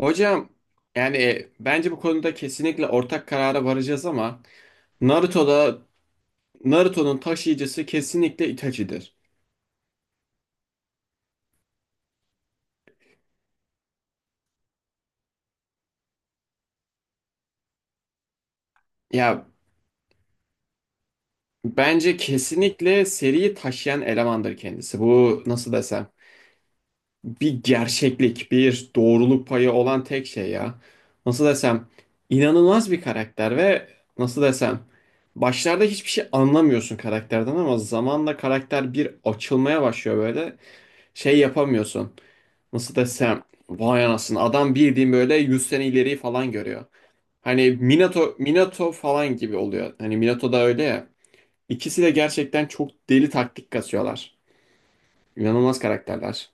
Hocam yani bence bu konuda kesinlikle ortak karara varacağız ama Naruto'da Naruto'nun taşıyıcısı kesinlikle Itachi'dir. Ya bence kesinlikle seriyi taşıyan elemandır kendisi. Bu nasıl desem bir gerçeklik, bir doğruluk payı olan tek şey ya. Nasıl desem inanılmaz bir karakter ve nasıl desem başlarda hiçbir şey anlamıyorsun karakterden ama zamanla karakter bir açılmaya başlıyor böyle şey yapamıyorsun. Nasıl desem vay anasını adam bildiğin böyle 100 sene ileriyi falan görüyor. Hani Minato Minato falan gibi oluyor. Hani Minato da öyle ya. İkisi de gerçekten çok deli taktik kasıyorlar. İnanılmaz karakterler.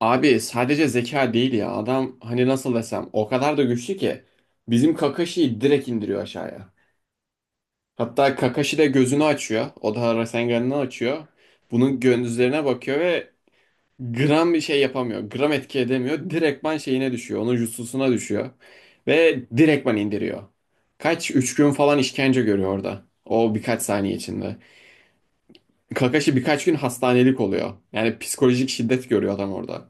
Abi sadece zeka değil ya. Adam hani nasıl desem o kadar da güçlü ki bizim Kakashi'yi direkt indiriyor aşağıya. Hatta Kakashi de gözünü açıyor. O da Rasengan'ını açıyor. Bunun gözlerine bakıyor ve gram bir şey yapamıyor. Gram etki edemiyor. Direktman şeyine düşüyor. Onun jutsusuna düşüyor. Ve direktman indiriyor. Kaç? 3 gün falan işkence görüyor orada. O birkaç saniye içinde. Kakashi birkaç gün hastanelik oluyor. Yani psikolojik şiddet görüyor adam orada.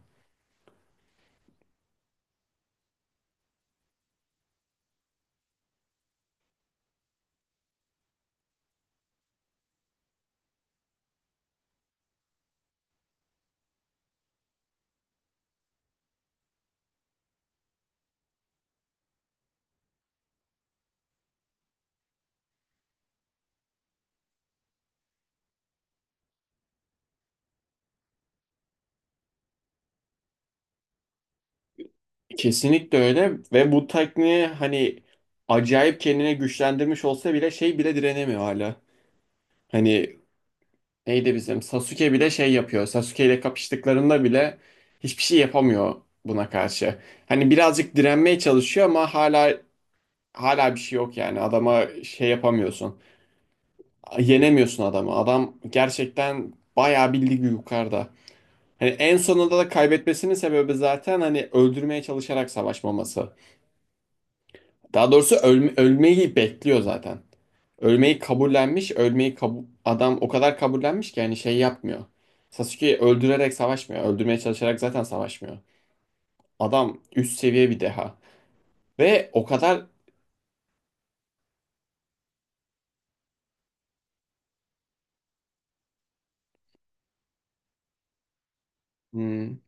Kesinlikle öyle ve bu tekniği hani acayip kendine güçlendirmiş olsa bile şey bile direnemiyor hala. Hani neydi bizim Sasuke bile şey yapıyor. Sasuke ile kapıştıklarında bile hiçbir şey yapamıyor buna karşı. Hani birazcık direnmeye çalışıyor ama hala bir şey yok yani. Adama şey yapamıyorsun. Yenemiyorsun adamı. Adam gerçekten bayağı bir lig yukarıda. Hani en sonunda da kaybetmesinin sebebi zaten hani öldürmeye çalışarak savaşmaması. Daha doğrusu ölmeyi bekliyor zaten. Ölmeyi kabullenmiş. Adam o kadar kabullenmiş ki yani şey yapmıyor. Sasuke öldürerek savaşmıyor. Öldürmeye çalışarak zaten savaşmıyor. Adam üst seviye bir deha. Ve o kadar. Hmm.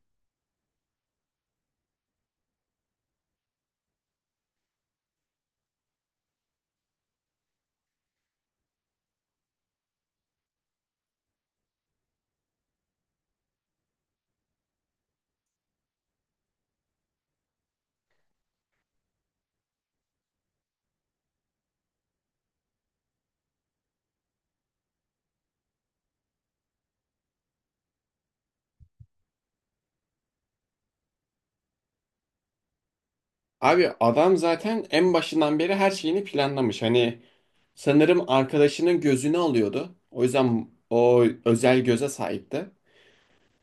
Abi adam zaten en başından beri her şeyini planlamış. Hani sanırım arkadaşının gözünü alıyordu. O yüzden o özel göze sahipti.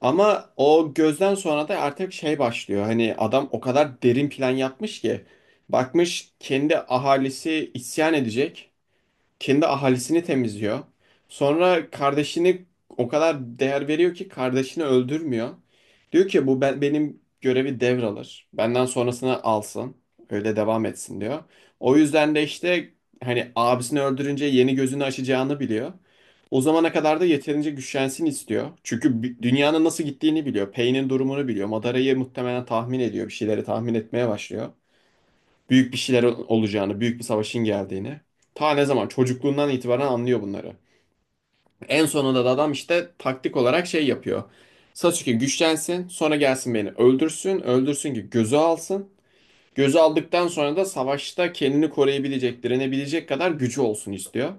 Ama o gözden sonra da artık şey başlıyor. Hani adam o kadar derin plan yapmış ki bakmış kendi ahalisi isyan edecek. Kendi ahalisini temizliyor. Sonra kardeşini o kadar değer veriyor ki kardeşini öldürmüyor. Diyor ki bu ben, benim görevi devralır. Benden sonrasını alsın. Öyle devam etsin diyor. O yüzden de işte hani abisini öldürünce yeni gözünü açacağını biliyor. O zamana kadar da yeterince güçlensin istiyor. Çünkü dünyanın nasıl gittiğini biliyor. Payne'in durumunu biliyor. Madara'yı muhtemelen tahmin ediyor. Bir şeyleri tahmin etmeye başlıyor, büyük bir şeyler olacağını, büyük bir savaşın geldiğini. Ta ne zaman? Çocukluğundan itibaren anlıyor bunları. En sonunda da adam işte taktik olarak şey yapıyor. Sasuke güçlensin, sonra gelsin beni öldürsün, öldürsün ki gözü alsın. Gözü aldıktan sonra da savaşta kendini koruyabilecek, direnebilecek kadar gücü olsun istiyor.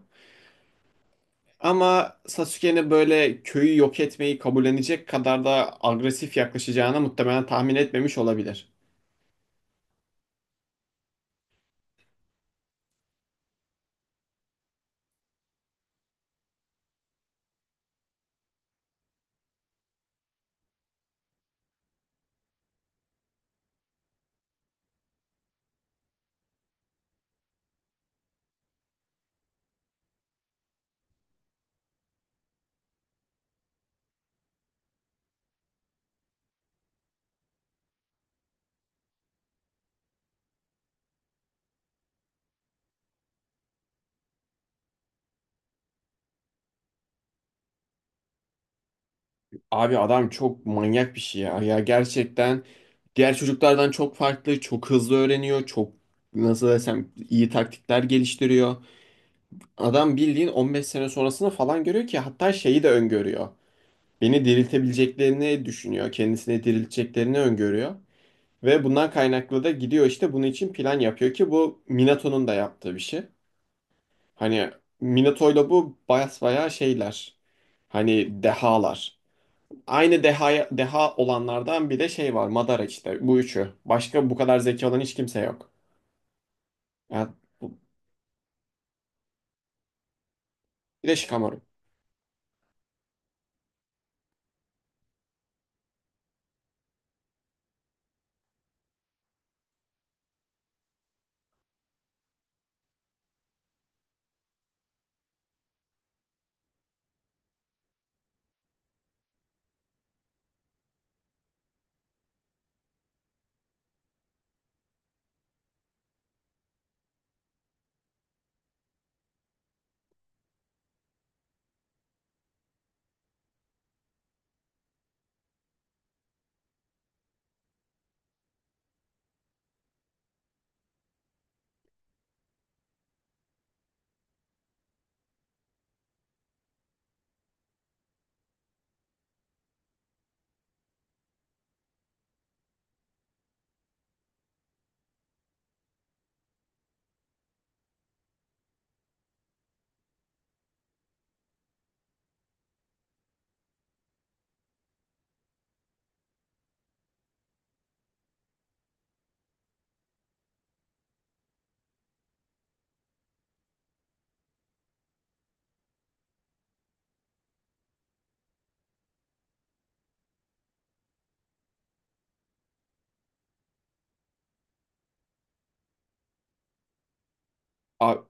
Ama Sasuke'nin böyle köyü yok etmeyi kabullenecek kadar da agresif yaklaşacağına muhtemelen tahmin etmemiş olabilir. Abi adam çok manyak bir şey ya. Ya gerçekten diğer çocuklardan çok farklı, çok hızlı öğreniyor, çok nasıl desem iyi taktikler geliştiriyor. Adam bildiğin 15 sene sonrasını falan görüyor ki hatta şeyi de öngörüyor. Beni diriltebileceklerini düşünüyor, kendisini dirilteceklerini öngörüyor. Ve bundan kaynaklı da gidiyor işte bunun için plan yapıyor ki bu Minato'nun da yaptığı bir şey. Hani Minato'yla bu basbayağı şeyler. Hani dehalar. Aynı deha, olanlardan bir de şey var. Madara işte. Bu üçü. Başka bu kadar zeki olan hiç kimse yok. Ya, bir de Shikamaru. A-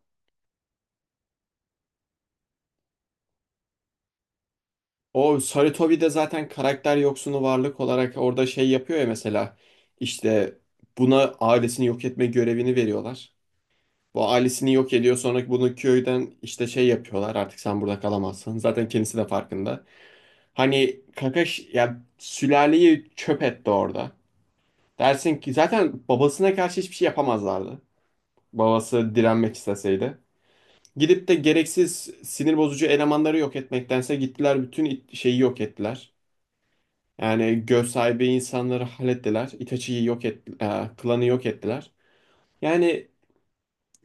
o Sarutobi'de zaten karakter yoksunu varlık olarak orada şey yapıyor ya mesela. İşte buna ailesini yok etme görevini veriyorlar. Bu ailesini yok ediyor. Sonra bunu köyden işte şey yapıyorlar. Artık sen burada kalamazsın. Zaten kendisi de farkında. Hani Kakashi ya sülaleyi çöp etti orada. Dersin ki zaten babasına karşı hiçbir şey yapamazlardı. Babası direnmek isteseydi. Gidip de gereksiz sinir bozucu elemanları yok etmektense gittiler bütün şeyi yok ettiler. Yani göz sahibi insanları hallettiler. Itachi'yi yok ettiler. Klanı yok ettiler. Yani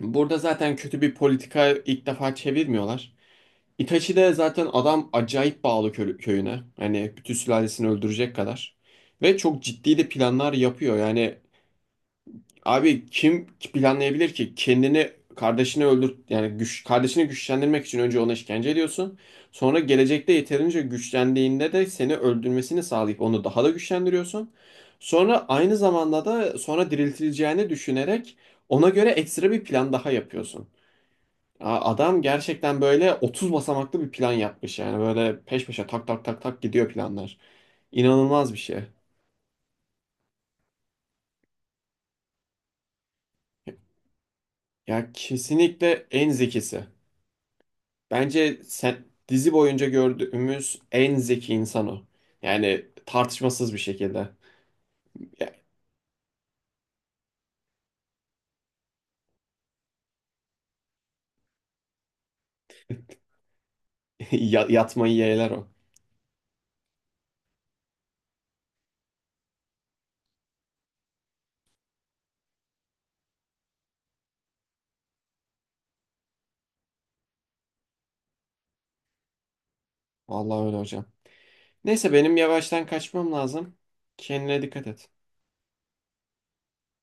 burada zaten kötü bir politika ilk defa çevirmiyorlar. Itachi de zaten adam acayip bağlı köyüne. Hani bütün sülalesini öldürecek kadar. Ve çok ciddi de planlar yapıyor. Yani abi kim planlayabilir ki kendini kardeşini öldür yani güç kardeşini güçlendirmek için önce ona işkence ediyorsun. Sonra gelecekte yeterince güçlendiğinde de seni öldürmesini sağlayıp onu daha da güçlendiriyorsun. Sonra aynı zamanda da sonra diriltileceğini düşünerek ona göre ekstra bir plan daha yapıyorsun. Ya, adam gerçekten böyle 30 basamaklı bir plan yapmış yani böyle peş peşe tak tak tak tak gidiyor planlar. İnanılmaz bir şey. Ya kesinlikle en zekisi. Bence sen, dizi boyunca gördüğümüz en zeki insan o. Yani tartışmasız bir şekilde. Ya- Yatmayı yeğler o. Vallahi öyle hocam. Neyse benim yavaştan kaçmam lazım. Kendine dikkat et.